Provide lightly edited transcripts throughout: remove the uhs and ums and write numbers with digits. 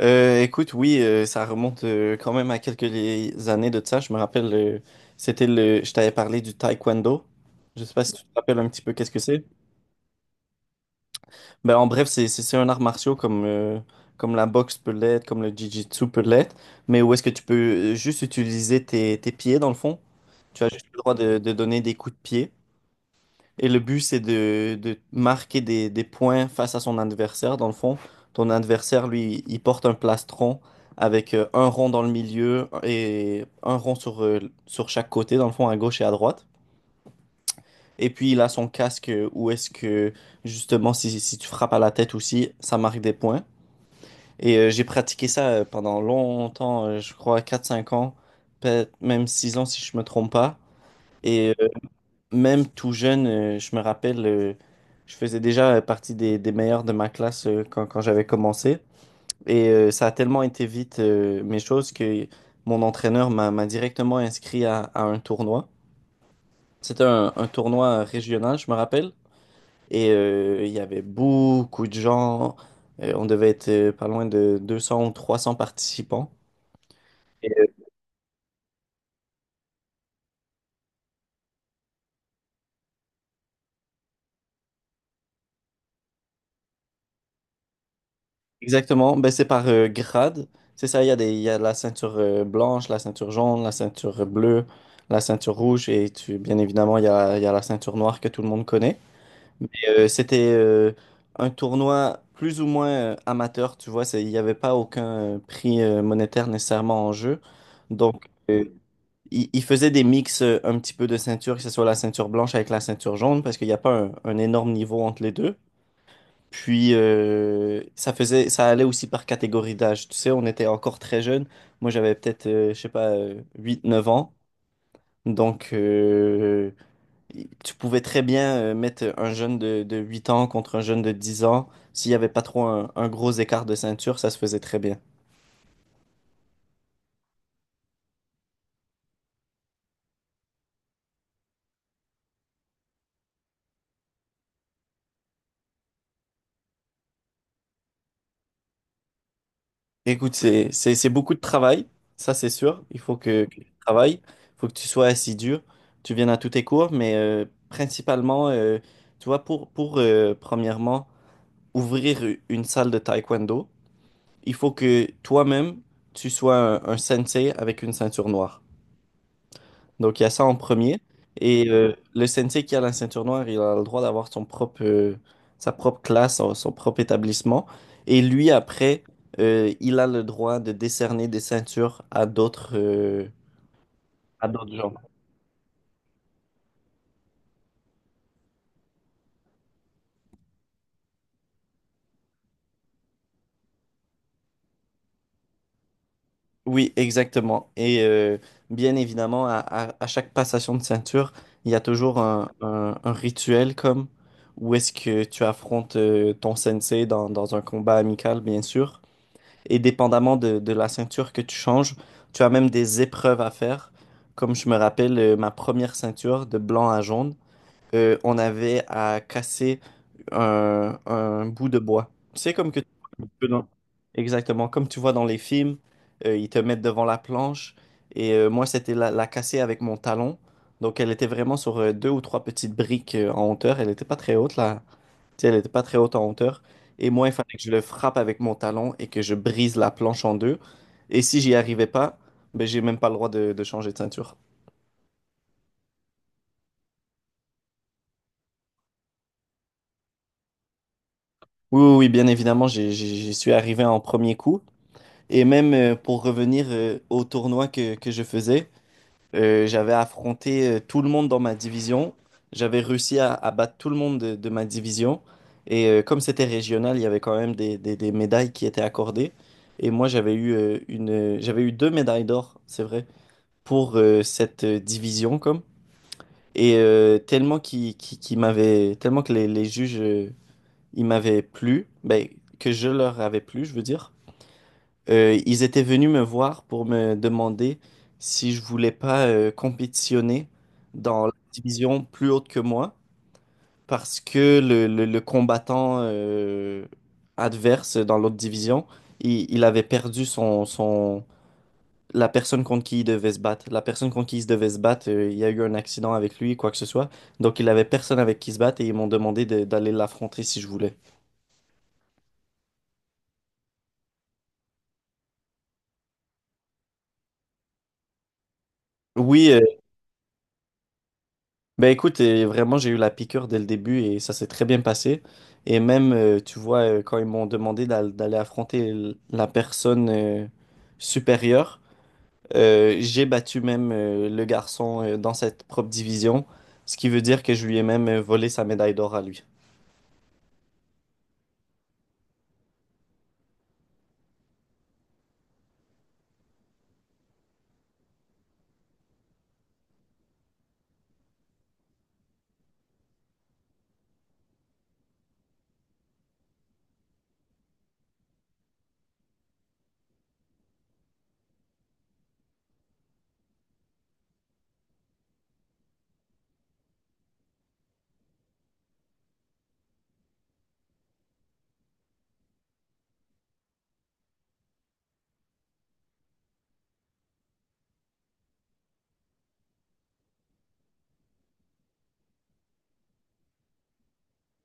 Écoute, oui, ça remonte quand même à années de ça. Je me rappelle, c'était je t'avais parlé du taekwondo. Je sais pas si tu te rappelles un petit peu qu'est-ce que c'est. Ben, en bref, c'est un art martial comme comme la boxe peut l'être, comme le jiu-jitsu peut l'être, mais où est-ce que tu peux juste utiliser tes pieds dans le fond. Tu as juste le droit de donner des coups de pied. Et le but, c'est de marquer des points face à son adversaire. Dans le fond, ton adversaire, lui, il porte un plastron avec un rond dans le milieu et un rond sur, sur chaque côté, dans le fond, à gauche et à droite. Et puis, il a son casque où est-ce que, justement, si tu frappes à la tête aussi, ça marque des points. Et j'ai pratiqué ça pendant longtemps, je crois quatre cinq ans, peut-être même 6 ans si je me trompe pas. Et même tout jeune, je me rappelle, je faisais déjà partie des meilleurs de ma classe quand, quand j'avais commencé. Et ça a tellement été vite mes choses que mon entraîneur m'a directement inscrit à un tournoi. C'était un tournoi régional, je me rappelle. Et il y avait beaucoup de gens. On devait être pas loin de 200 ou 300 participants. Exactement, ben, c'est par grade. C'est ça, il y a des, il y a la ceinture blanche, la ceinture jaune, la ceinture bleue, la ceinture rouge et tu, bien évidemment, il y a la ceinture noire que tout le monde connaît. Mais c'était un tournoi plus ou moins amateur, tu vois, c'est- il n'y avait pas aucun prix monétaire nécessairement en jeu. Donc, euh, il faisait des mix un petit peu de ceinture, que ce soit la ceinture blanche avec la ceinture jaune, parce qu'il n'y a pas un énorme niveau entre les deux. Puis ça faisait, ça allait aussi par catégorie d'âge. Tu sais, on était encore très jeunes. Moi, j'avais peut-être, je sais pas, huit, neuf ans. Donc, tu pouvais très bien mettre un jeune de 8 ans contre un jeune de 10 ans. S'il n'y avait pas trop un gros écart de ceinture, ça se faisait très bien. Écoute, c'est beaucoup de travail, ça c'est sûr. Il faut que tu travailles, il faut que tu sois assidu, tu viennes à tous tes cours, mais principalement, tu vois, pour premièrement, ouvrir une salle de taekwondo, il faut que toi-même, tu sois un sensei avec une ceinture noire. Donc, il y a ça en premier. Et le sensei qui a la ceinture noire, il a le droit d'avoir son propre, sa propre classe, son propre établissement. Et lui, après, il a le droit de décerner des ceintures à d'autres Oui, exactement. Et bien évidemment, à chaque passation de ceinture, il y a toujours un rituel comme où est-ce que tu affrontes ton sensei dans un combat amical, bien sûr. Et dépendamment de la ceinture que tu changes, tu as même des épreuves à faire. Comme je me rappelle, ma première ceinture de blanc à jaune on avait à casser un bout de bois. C'est comme que tu vois un peu dans- Exactement, comme tu vois dans les films, ils te mettent devant la planche et moi c'était la casser avec mon talon. Donc elle était vraiment sur deux ou trois petites briques en hauteur, elle n'était pas très haute là, tu sais, elle n'était pas très haute en hauteur. Et moi il fallait que je le frappe avec mon talon et que je brise la planche en deux. Et si j'y arrivais pas, ben j'ai même pas le droit de changer de ceinture. Oui, oui, oui, bien évidemment, j'y suis arrivé en premier coup. Et même pour revenir au tournoi que je faisais, j'avais affronté tout le monde dans ma division. J'avais réussi à battre tout le monde de ma division. Et comme c'était régional, il y avait quand même des médailles qui étaient accordées. Et moi, j'avais eu 2 médailles d'or, c'est vrai, pour cette division, comme. Et tellement qui m'avait, tellement que les juges, ils m'avaient plu, ben, que je leur avais plu, je veux dire. Ils étaient venus me voir pour me demander si je voulais pas compétitionner dans la division plus haute que moi parce que le combattant adverse dans l'autre division, il avait perdu son, son la personne contre qui il devait se battre. La personne contre qui il devait se battre, il y a eu un accident avec lui, quoi que ce soit. Donc il avait personne avec qui se battre et ils m'ont demandé d'aller l'affronter si je voulais. Oui, euh, Ben écoute, vraiment, j'ai eu la piqûre dès le début et ça s'est très bien passé. Et même, tu vois, quand ils m'ont demandé d'aller affronter la personne supérieure, j'ai battu même le garçon dans cette propre division, ce qui veut dire que je lui ai même volé sa médaille d'or à lui.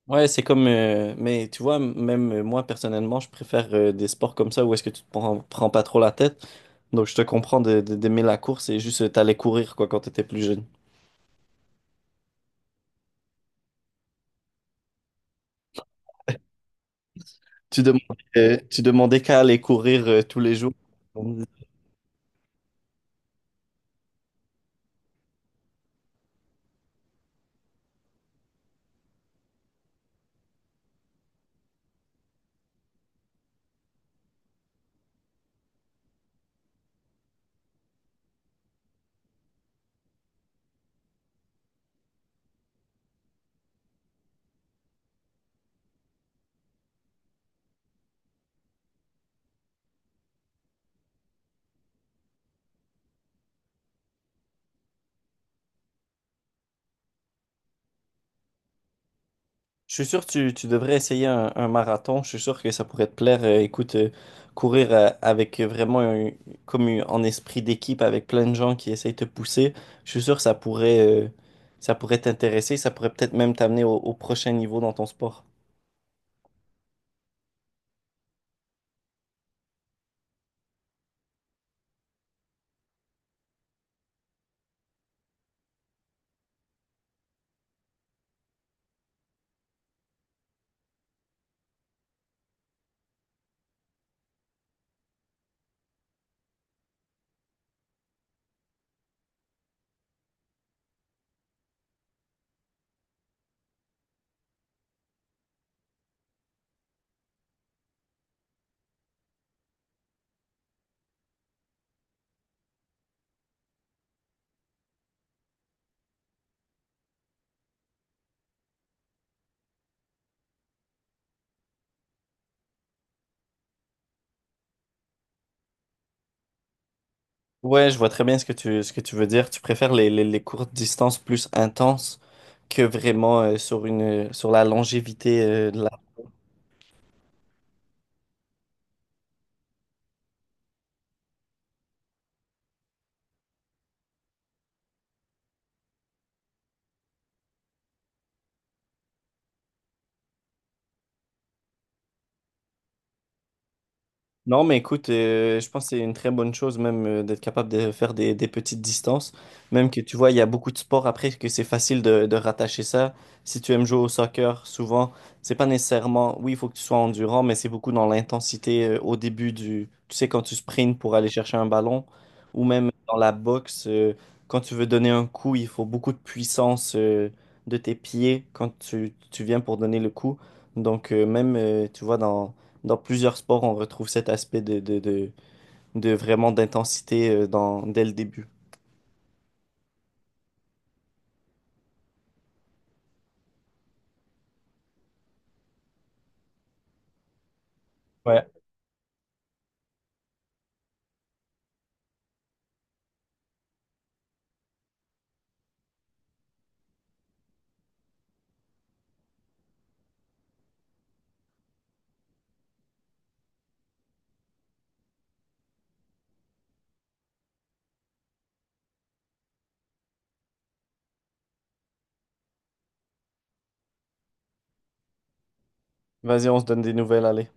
Ouais, c'est comme... mais tu vois, même moi, personnellement, je préfère des sports comme ça où est-ce que tu te prends pas trop la tête. Donc, je te comprends d'aimer la course et juste t'allais courir, quoi, quand t'étais plus jeune. Tu demandais qu'à aller courir tous les jours. Je suis sûr que tu devrais essayer un marathon. Je suis sûr que ça pourrait te plaire. Écoute, courir avec vraiment comme en esprit d'équipe avec plein de gens qui essayent de te pousser. Je suis sûr que ça pourrait t'intéresser. Ça pourrait peut-être même t'amener au prochain niveau dans ton sport. Ouais, je vois très bien ce que tu veux dire. Tu préfères les courtes distances plus intenses que vraiment sur une, sur la longévité de la Non, mais écoute, je pense que c'est une très bonne chose même d'être capable de faire des petites distances. Même que tu vois, il y a beaucoup de sports après que c'est facile de rattacher ça. Si tu aimes jouer au soccer, souvent, c'est pas nécessairement, oui, il faut que tu sois endurant, mais c'est beaucoup dans l'intensité au début du, tu sais, quand tu sprints pour aller chercher un ballon, ou même dans la boxe, quand tu veux donner un coup, il faut beaucoup de puissance de tes pieds quand tu viens pour donner le coup. Donc, même, tu vois, dans plusieurs sports, on retrouve cet aspect de vraiment d'intensité dans, dès le début. Ouais. Vas-y, on se donne des nouvelles, allez.